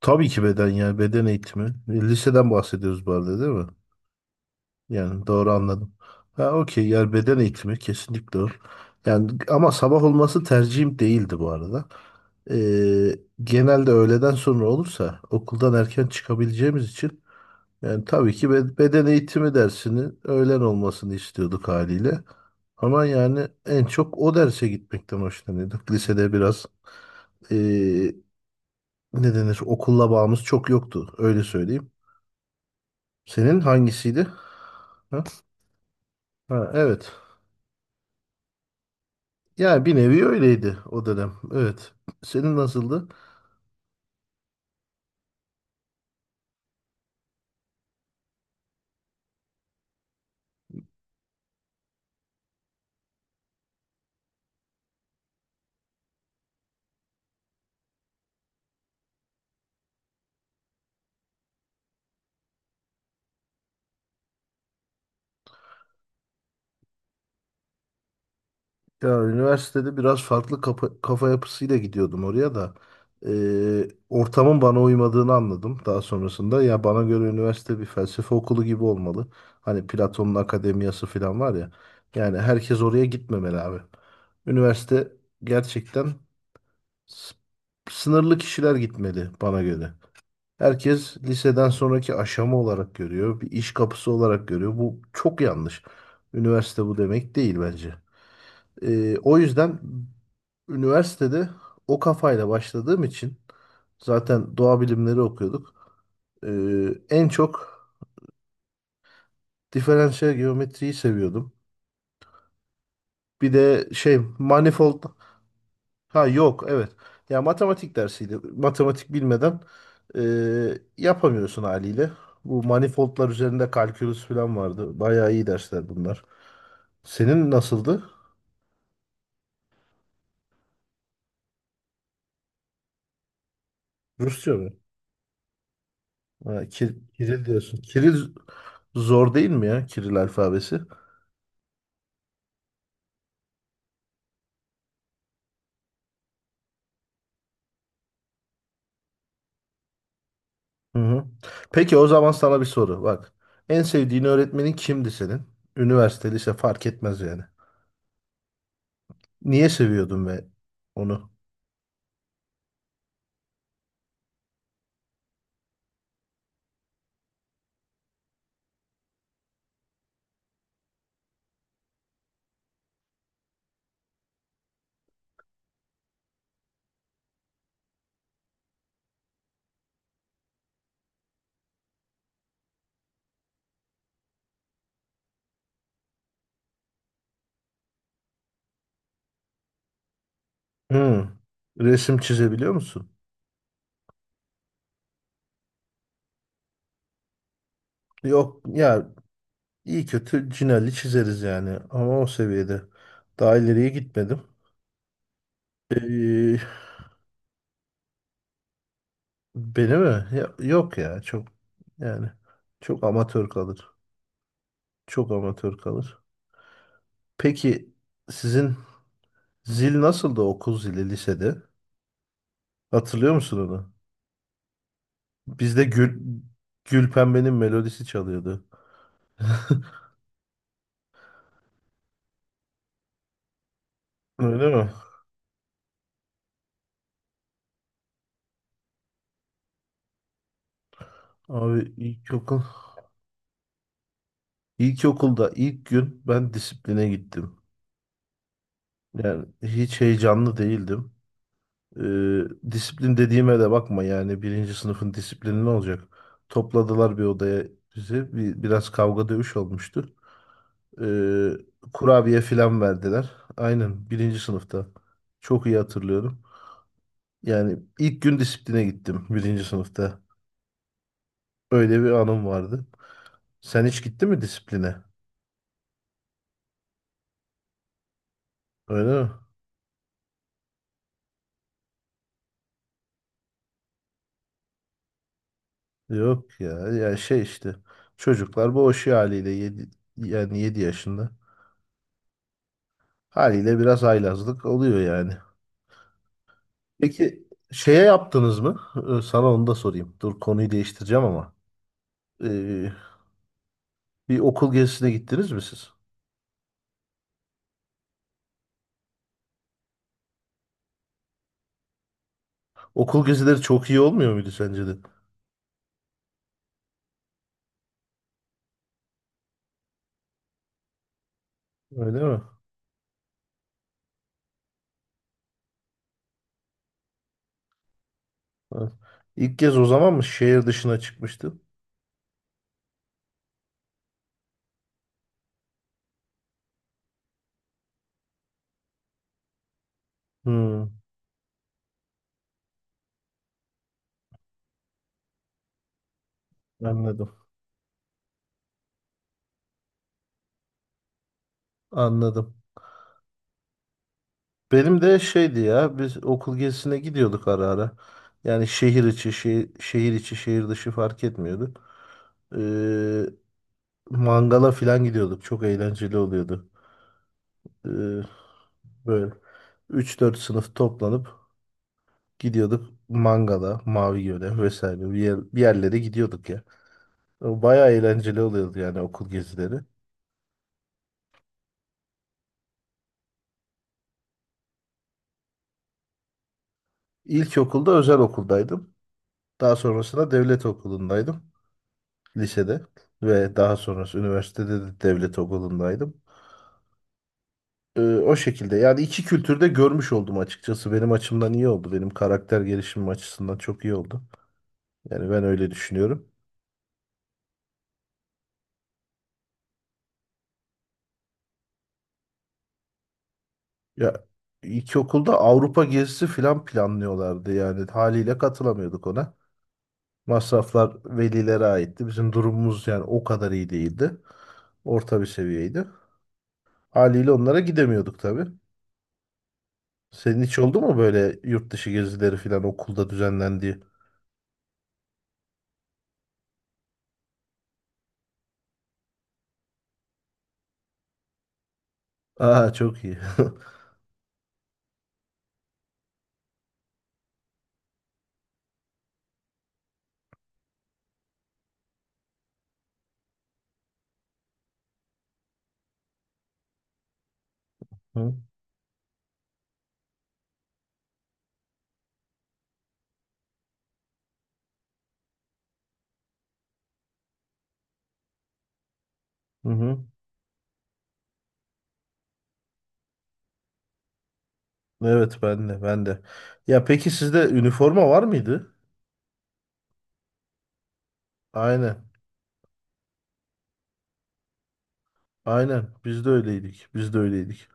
Tabii ki beden yani beden eğitimi. Liseden bahsediyoruz bu arada değil mi? Yani doğru anladım. Ha, okey, yani beden eğitimi kesinlikle o. Yani ama sabah olması tercihim değildi bu arada. Ee, genelde öğleden sonra olursa okuldan erken çıkabileceğimiz için yani tabii ki beden eğitimi dersinin öğlen olmasını istiyorduk haliyle. Ama yani en çok o derse gitmekten hoşlanıyorduk. Lisede biraz ee, ne denir, okulla bağımız çok yoktu, öyle söyleyeyim. Senin hangisiydi? Ha? Ha, evet. Yani bir nevi öyleydi o dönem. Evet. Senin nasıldı? Ya, üniversitede biraz farklı kafa yapısıyla gidiyordum oraya da. Ortamın bana uymadığını anladım daha sonrasında. Ya bana göre üniversite bir felsefe okulu gibi olmalı. Hani Platon'un akademiyası falan var ya. Yani herkes oraya gitmemeli abi. Üniversite gerçekten s- sınırlı kişiler gitmeli bana göre. Herkes liseden sonraki aşama olarak görüyor, bir iş kapısı olarak görüyor. Bu çok yanlış. Üniversite bu demek değil bence. O yüzden üniversitede o kafayla başladığım için zaten doğa bilimleri okuyorduk. En çok diferansiyel geometriyi seviyordum. Bir de şey, manifold. Ha, yok, evet. Ya, matematik dersiydi. Matematik bilmeden yapamıyorsun haliyle. Bu manifoldlar üzerinde kalkülüs falan vardı. Bayağı iyi dersler bunlar. Senin nasıldı? Rusça mı? Ha, Kiril diyorsun. Kiril zor değil mi ya? Kiril alfabesi. Hı hı. Peki o zaman sana bir soru. Bak. En sevdiğin öğretmenin kimdi senin? Üniversite, lise fark etmez yani. Niye seviyordun ve onu? Hı. Resim çizebiliyor musun? Yok ya, İyi kötü Cinelli çizeriz yani ama o seviyede. Daha ileriye gitmedim. Ee, beni mi? Yok ya, çok yani çok amatör kalır. Çok amatör kalır. Peki sizin zil nasıldı, okul zili, lisede? Hatırlıyor musun onu? Bizde Gülpembe'nin melodisi çalıyordu. Öyle mi? Abi ilkokulda ilk gün ben disipline gittim. Yani hiç heyecanlı değildim. Ee, disiplin dediğime de bakma, yani birinci sınıfın disiplini ne olacak? Topladılar bir odaya bizi. Biraz kavga dövüş olmuştu. Ee, kurabiye filan verdiler. Aynen, birinci sınıfta. Çok iyi hatırlıyorum. Yani ilk gün disipline gittim birinci sınıfta. Öyle bir anım vardı. Sen hiç gittin mi disipline? Öyle mi? Yok ya. Ya şey işte. Çocuklar boğuşuyor haliyle. Yani 7 yaşında. Haliyle biraz haylazlık oluyor yani. Peki şeye yaptınız mı? Sana onu da sorayım. Dur, konuyu değiştireceğim ama. Ee, bir okul gezisine gittiniz mi siz? Okul gezileri çok iyi olmuyor muydu sence de? Öyle mi? Evet. İlk kez o zaman mı şehir dışına çıkmıştın? Hmm, anladım. Anladım. Benim de şeydi ya, biz okul gezisine gidiyorduk ara ara. Yani şehir içi, şehir içi, şehir dışı fark etmiyordu. Ee, mangala falan gidiyorduk. Çok eğlenceli oluyordu. Ee, Böyle üç dört sınıf toplanıp gidiyorduk Mangala, Mavi Göl'e vesaire, bir yerlere gidiyorduk ya. O bayağı eğlenceli oluyordu yani, okul gezileri. İlkokulda özel okuldaydım. Daha sonrasında devlet okulundaydım lisede ve daha sonrası üniversitede de devlet okulundaydım. O şekilde yani iki kültürde görmüş oldum açıkçası. Benim açımdan iyi oldu. Benim karakter gelişimim açısından çok iyi oldu. Yani ben öyle düşünüyorum. Ya, ilkokulda Avrupa gezisi falan planlıyorlardı, yani haliyle katılamıyorduk ona. Masraflar velilere aitti. Bizim durumumuz yani o kadar iyi değildi. Orta bir seviyeydi. Haliyle onlara gidemiyorduk tabii. Senin hiç oldu mu böyle yurt dışı gezileri falan, okulda düzenlendiği? Aa, çok iyi. Hı hı. Hı. Evet, ben de, ben de. Ya peki, sizde üniforma var mıydı? Aynen. Aynen. Biz de öyleydik. Biz de öyleydik.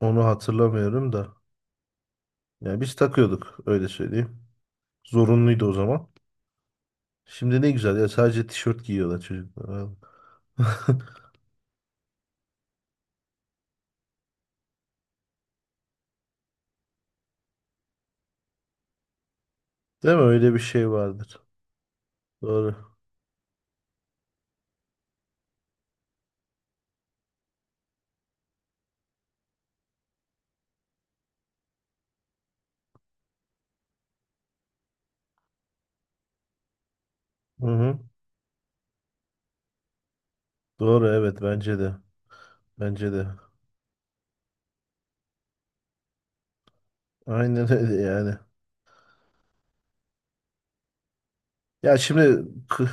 Onu hatırlamıyorum da. Yani biz takıyorduk, öyle söyleyeyim. Zorunluydu o zaman. Şimdi ne güzel ya, sadece tişört giyiyorlar çocuklar. Vallahi. Değil mi? Öyle bir şey vardır. Doğru. Hı hı. Doğru, evet, bence de. Bence de. Aynen öyle yani. Ya şimdi kı-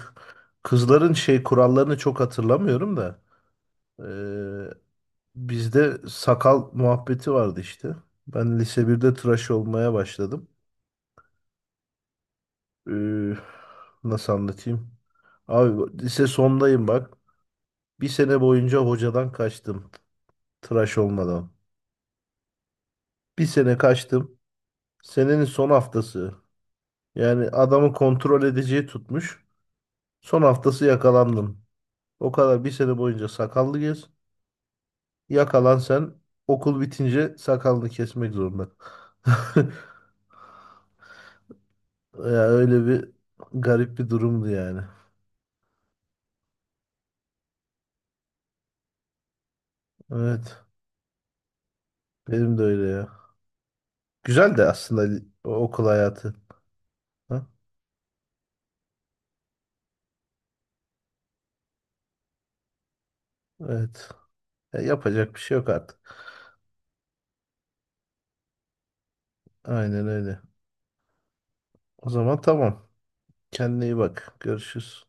kızların şey kurallarını çok hatırlamıyorum da. eee, bizde sakal muhabbeti vardı işte. Ben lise birde tıraş olmaya başladım. Eee, nasıl anlatayım? Abi lise sondayım bak. Bir sene boyunca hocadan kaçtım. Tıraş olmadan. Bir sene kaçtım. Senenin son haftası. Yani adamı kontrol edeceği tutmuş. Son haftası yakalandım. O kadar bir sene boyunca sakallı gez. Yakalan sen, okul bitince sakalını kesmek zorunda. Ya öyle bir garip bir durumdu yani. Evet. Benim de öyle ya. Güzel de aslında o okul hayatı. Ha? Evet. Ya yapacak bir şey yok artık. Aynen öyle. O zaman tamam. Kendine iyi bak. Görüşürüz.